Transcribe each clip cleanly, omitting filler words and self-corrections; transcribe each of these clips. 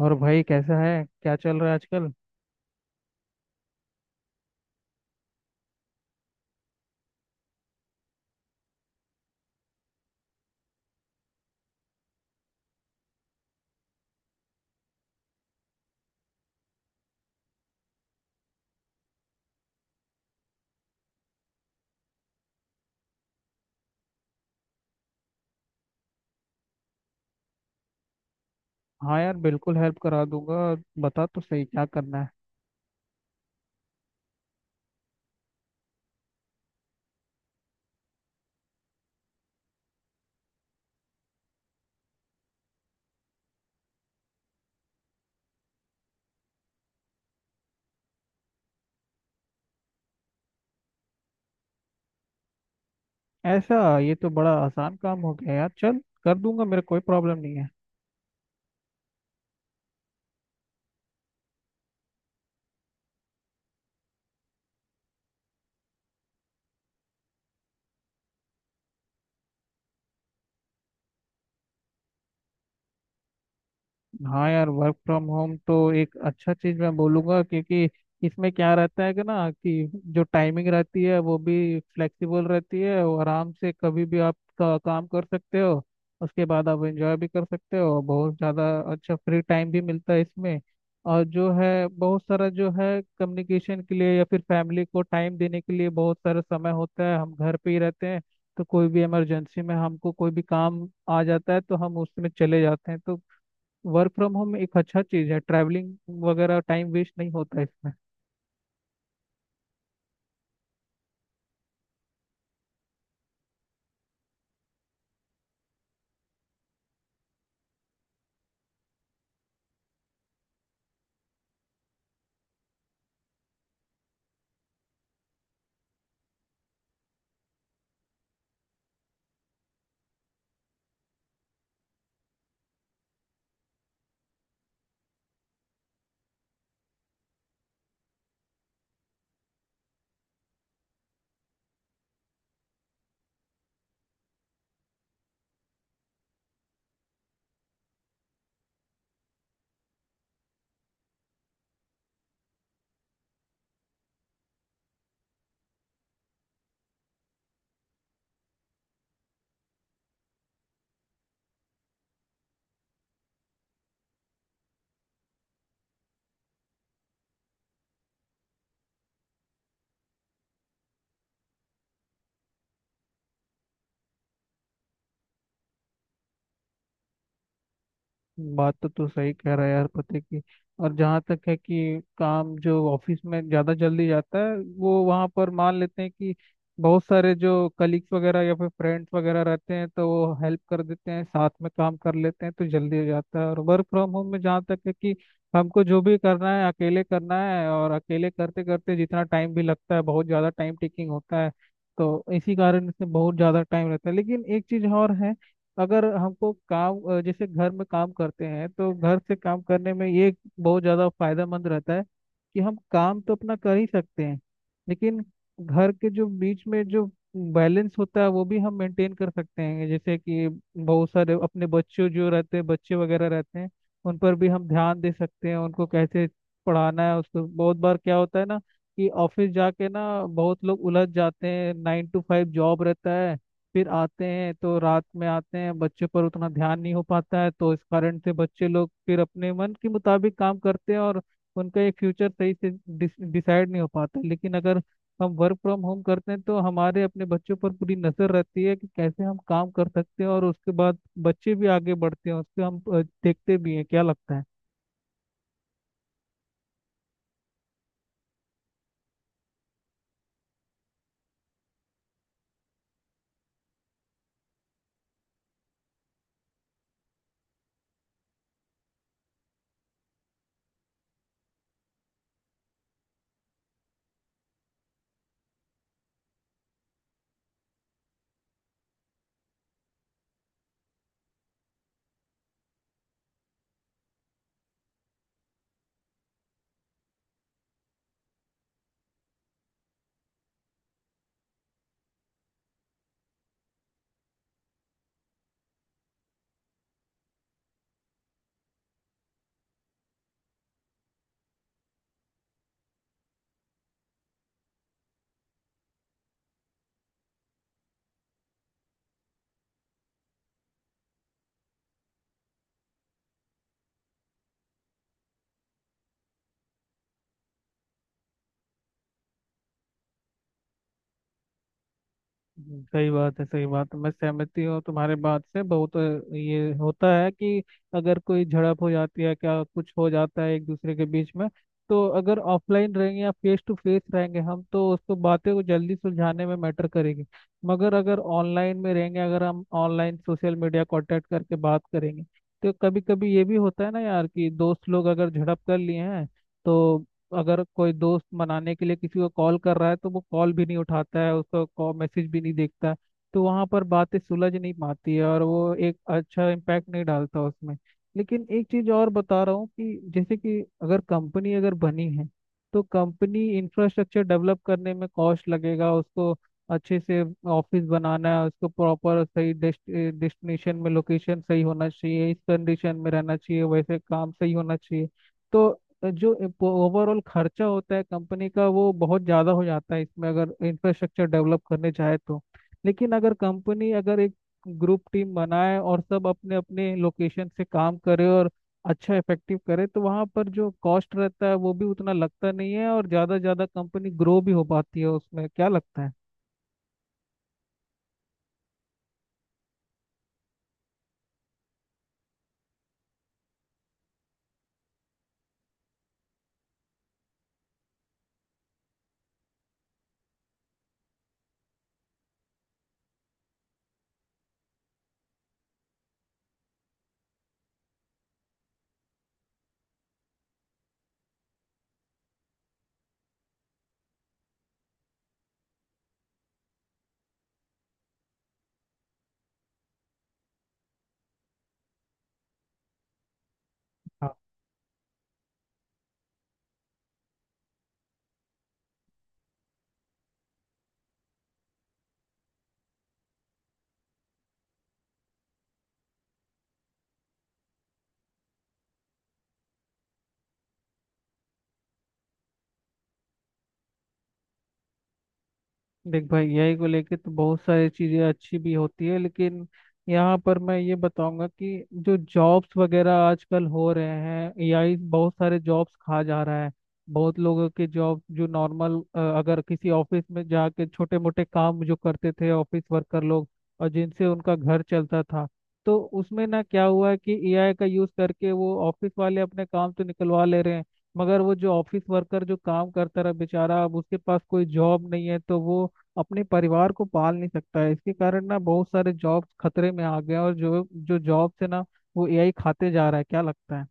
और भाई, कैसा है? क्या चल रहा है आजकल? हाँ यार, बिल्कुल हेल्प करा दूंगा। बता तो सही, क्या करना है। ऐसा, ये तो बड़ा आसान काम हो गया यार। चल, कर दूंगा, मेरा कोई प्रॉब्लम नहीं है। हाँ यार, वर्क फ्रॉम होम तो एक अच्छा चीज मैं बोलूंगा, क्योंकि इसमें क्या रहता है कि ना कि जो टाइमिंग रहती है वो भी फ्लेक्सिबल रहती है और आराम से कभी भी काम कर सकते हो। उसके बाद आप एंजॉय भी कर सकते हो, बहुत ज़्यादा अच्छा फ्री टाइम भी मिलता है इसमें। और जो है बहुत सारा, जो है कम्युनिकेशन के लिए या फिर फैमिली को टाइम देने के लिए बहुत सारा समय होता है। हम घर पे ही रहते हैं, तो कोई भी इमरजेंसी में हमको कोई भी काम आ जाता है तो हम उसमें चले जाते हैं। तो वर्क फ्रॉम होम एक अच्छा चीज़ है। ट्रैवलिंग वगैरह टाइम वेस्ट नहीं होता है इसमें। बात तो तू सही कह रहा है यार, पते की। और जहाँ तक है कि काम जो ऑफिस में ज़्यादा जल्दी जाता है, वो वहाँ पर मान लेते हैं कि बहुत सारे जो कलीग्स वगैरह या फिर फ्रेंड्स वगैरह रहते हैं तो वो हेल्प कर देते हैं, साथ में काम कर लेते हैं तो जल्दी हो जाता है। और वर्क फ्रॉम होम में जहाँ तक है कि हमको जो भी करना है अकेले करना है, और अकेले करते करते जितना टाइम भी लगता है, बहुत ज़्यादा टाइम टेकिंग होता है। तो इसी कारण से बहुत ज़्यादा टाइम रहता है। लेकिन एक चीज़ और है, अगर हमको काम जैसे घर में काम करते हैं तो घर से काम करने में ये बहुत ज़्यादा फायदेमंद रहता है कि हम काम तो अपना कर ही सकते हैं। लेकिन घर के जो बीच में जो बैलेंस होता है वो भी हम मेंटेन कर सकते हैं। जैसे कि बहुत सारे अपने बच्चों जो रहते हैं, बच्चे वगैरह रहते हैं, उन पर भी हम ध्यान दे सकते हैं, उनको कैसे पढ़ाना है उसको। बहुत बार क्या होता है ना कि ऑफिस जाके ना बहुत लोग उलझ जाते हैं, नाइन टू फाइव जॉब रहता है, फिर आते हैं तो रात में आते हैं, बच्चों पर उतना ध्यान नहीं हो पाता है। तो इस कारण से बच्चे लोग फिर अपने मन के मुताबिक काम करते हैं और उनका एक फ्यूचर सही से डिसाइड नहीं हो पाता। लेकिन अगर हम वर्क फ्रॉम होम करते हैं तो हमारे अपने बच्चों पर पूरी नजर रहती है कि कैसे हम काम कर सकते हैं, और उसके बाद बच्चे भी आगे बढ़ते हैं उसके। हम देखते भी हैं। क्या लगता है? सही बात है, सही बात है। मैं सहमति हूँ तुम्हारे बात से बहुत। ये होता है कि अगर कोई झड़प हो जाती है, क्या कुछ हो जाता है एक दूसरे के बीच में, तो अगर ऑफलाइन रहेंगे या फेस टू फेस रहेंगे हम, तो उसको बातें को जल्दी सुलझाने में मैटर करेगी। मगर अगर ऑनलाइन में रहेंगे, अगर हम ऑनलाइन सोशल मीडिया कांटेक्ट करके बात करेंगे, तो कभी कभी ये भी होता है ना यार, कि दोस्त लोग अगर झड़प कर लिए हैं, तो अगर कोई दोस्त मनाने के लिए किसी को कॉल कर रहा है तो वो कॉल भी नहीं उठाता है, उसका कॉल मैसेज भी नहीं देखता है। तो वहाँ पर बातें सुलझ नहीं पाती है और वो एक अच्छा इम्पैक्ट नहीं डालता उसमें। लेकिन एक चीज़ और बता रहा हूँ, कि जैसे कि अगर कंपनी अगर बनी है तो कंपनी इंफ्रास्ट्रक्चर डेवलप करने में कॉस्ट लगेगा उसको। अच्छे से ऑफिस बनाना है उसको, प्रॉपर सही डेस्टिनेशन में लोकेशन सही होना चाहिए, इस कंडीशन में रहना चाहिए, वैसे काम सही होना चाहिए। तो जो ओवरऑल खर्चा होता है कंपनी का, वो बहुत ज़्यादा हो जाता है इसमें, अगर इंफ्रास्ट्रक्चर डेवलप करने चाहे तो। लेकिन अगर कंपनी अगर एक ग्रुप टीम बनाए और सब अपने अपने लोकेशन से काम करे और अच्छा इफेक्टिव करे, तो वहाँ पर जो कॉस्ट रहता है वो भी उतना लगता नहीं है और ज़्यादा ज़्यादा कंपनी ग्रो भी हो पाती है उसमें। क्या लगता है? देख भाई, यही को लेके तो बहुत सारी चीज़ें अच्छी भी होती है, लेकिन यहाँ पर मैं ये बताऊंगा कि जो जॉब्स वगैरह आजकल हो रहे हैं, एआई बहुत सारे जॉब्स खा जा रहा है। बहुत लोगों के जॉब, जो नॉर्मल अगर किसी ऑफिस में जाके छोटे मोटे काम जो करते थे ऑफिस वर्कर लोग, और जिनसे उनका घर चलता था, तो उसमें ना क्या हुआ है कि एआई का यूज़ करके वो ऑफिस वाले अपने काम तो निकलवा ले रहे हैं, मगर वो जो ऑफिस वर्कर जो काम करता रहा बेचारा, अब उसके पास कोई जॉब नहीं है, तो वो अपने परिवार को पाल नहीं सकता है। इसके कारण ना बहुत सारे जॉब खतरे में आ गए हैं और जो जो जॉब से ना, वो एआई खाते जा रहा है। क्या लगता है?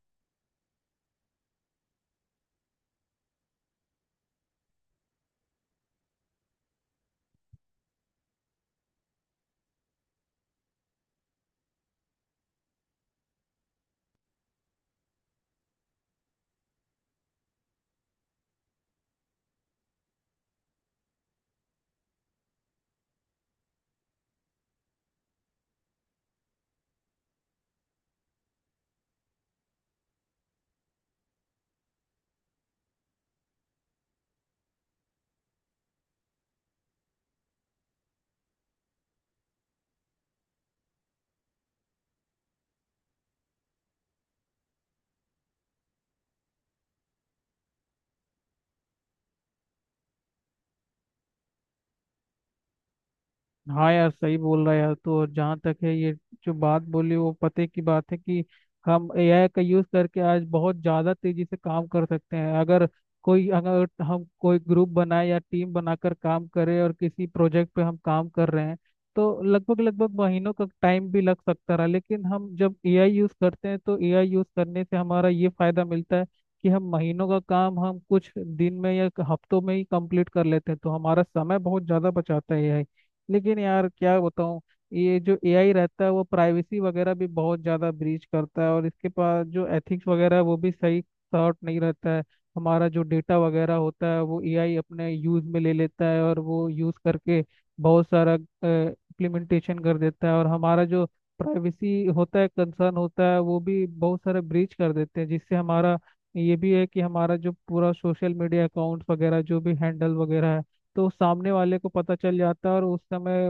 हाँ यार, सही बोल रहा है यार। तो जहाँ तक है, ये जो बात बोली वो पते की बात है, कि हम एआई का यूज़ करके आज बहुत ज़्यादा तेजी से काम कर सकते हैं। अगर कोई, अगर हम कोई ग्रुप बनाए या टीम बनाकर काम करें और किसी प्रोजेक्ट पे हम काम कर रहे हैं, तो लगभग लगभग महीनों का टाइम भी लग सकता रहा। लेकिन हम जब एआई यूज़ करते हैं तो एआई यूज़ करने से हमारा ये फ़ायदा मिलता है, कि हम महीनों का काम हम कुछ दिन में या हफ्तों में ही कंप्लीट कर लेते हैं। तो हमारा समय बहुत ज़्यादा बचाता है एआई। लेकिन यार क्या बताऊँ, ये जो एआई रहता है वो प्राइवेसी वगैरह भी बहुत ज़्यादा ब्रीच करता है, और इसके पास जो एथिक्स वगैरह है, वो भी सही सॉर्ट नहीं रहता है। हमारा जो डेटा वगैरह होता है वो एआई अपने यूज़ में ले लेता है और वो यूज़ करके बहुत सारा इम्प्लीमेंटेशन कर देता है, और हमारा जो प्राइवेसी होता है, कंसर्न होता है, वो भी बहुत सारा ब्रीच कर देते हैं, जिससे हमारा ये भी है कि हमारा जो पूरा सोशल मीडिया अकाउंट्स वगैरह जो भी हैंडल वगैरह है, तो सामने वाले को पता चल जाता है और उस समय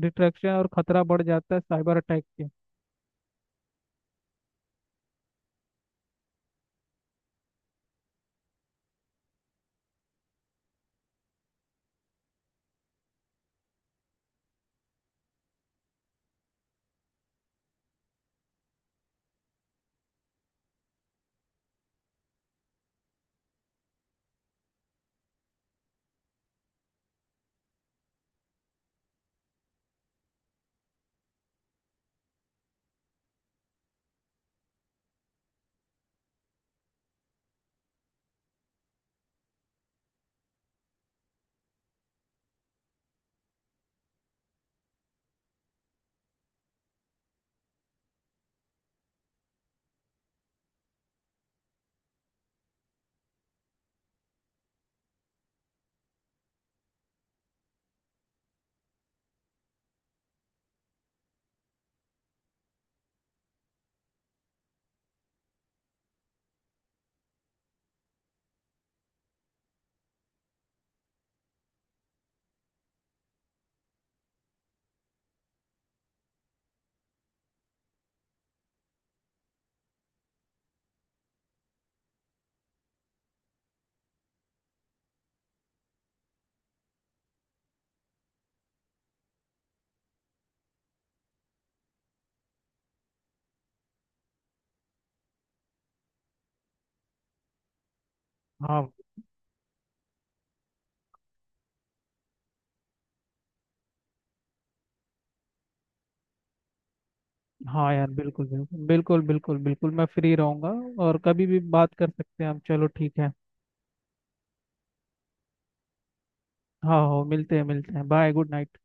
डिट्रैक्शन और खतरा बढ़ जाता है साइबर अटैक के। हाँ। हाँ यार, बिल्कुल बिल्कुल बिल्कुल बिल्कुल बिल्कुल, मैं फ्री रहूंगा। और कभी भी बात कर सकते हैं हम। चलो, ठीक है। हाँ, हो, मिलते हैं, मिलते हैं। Bye, good night.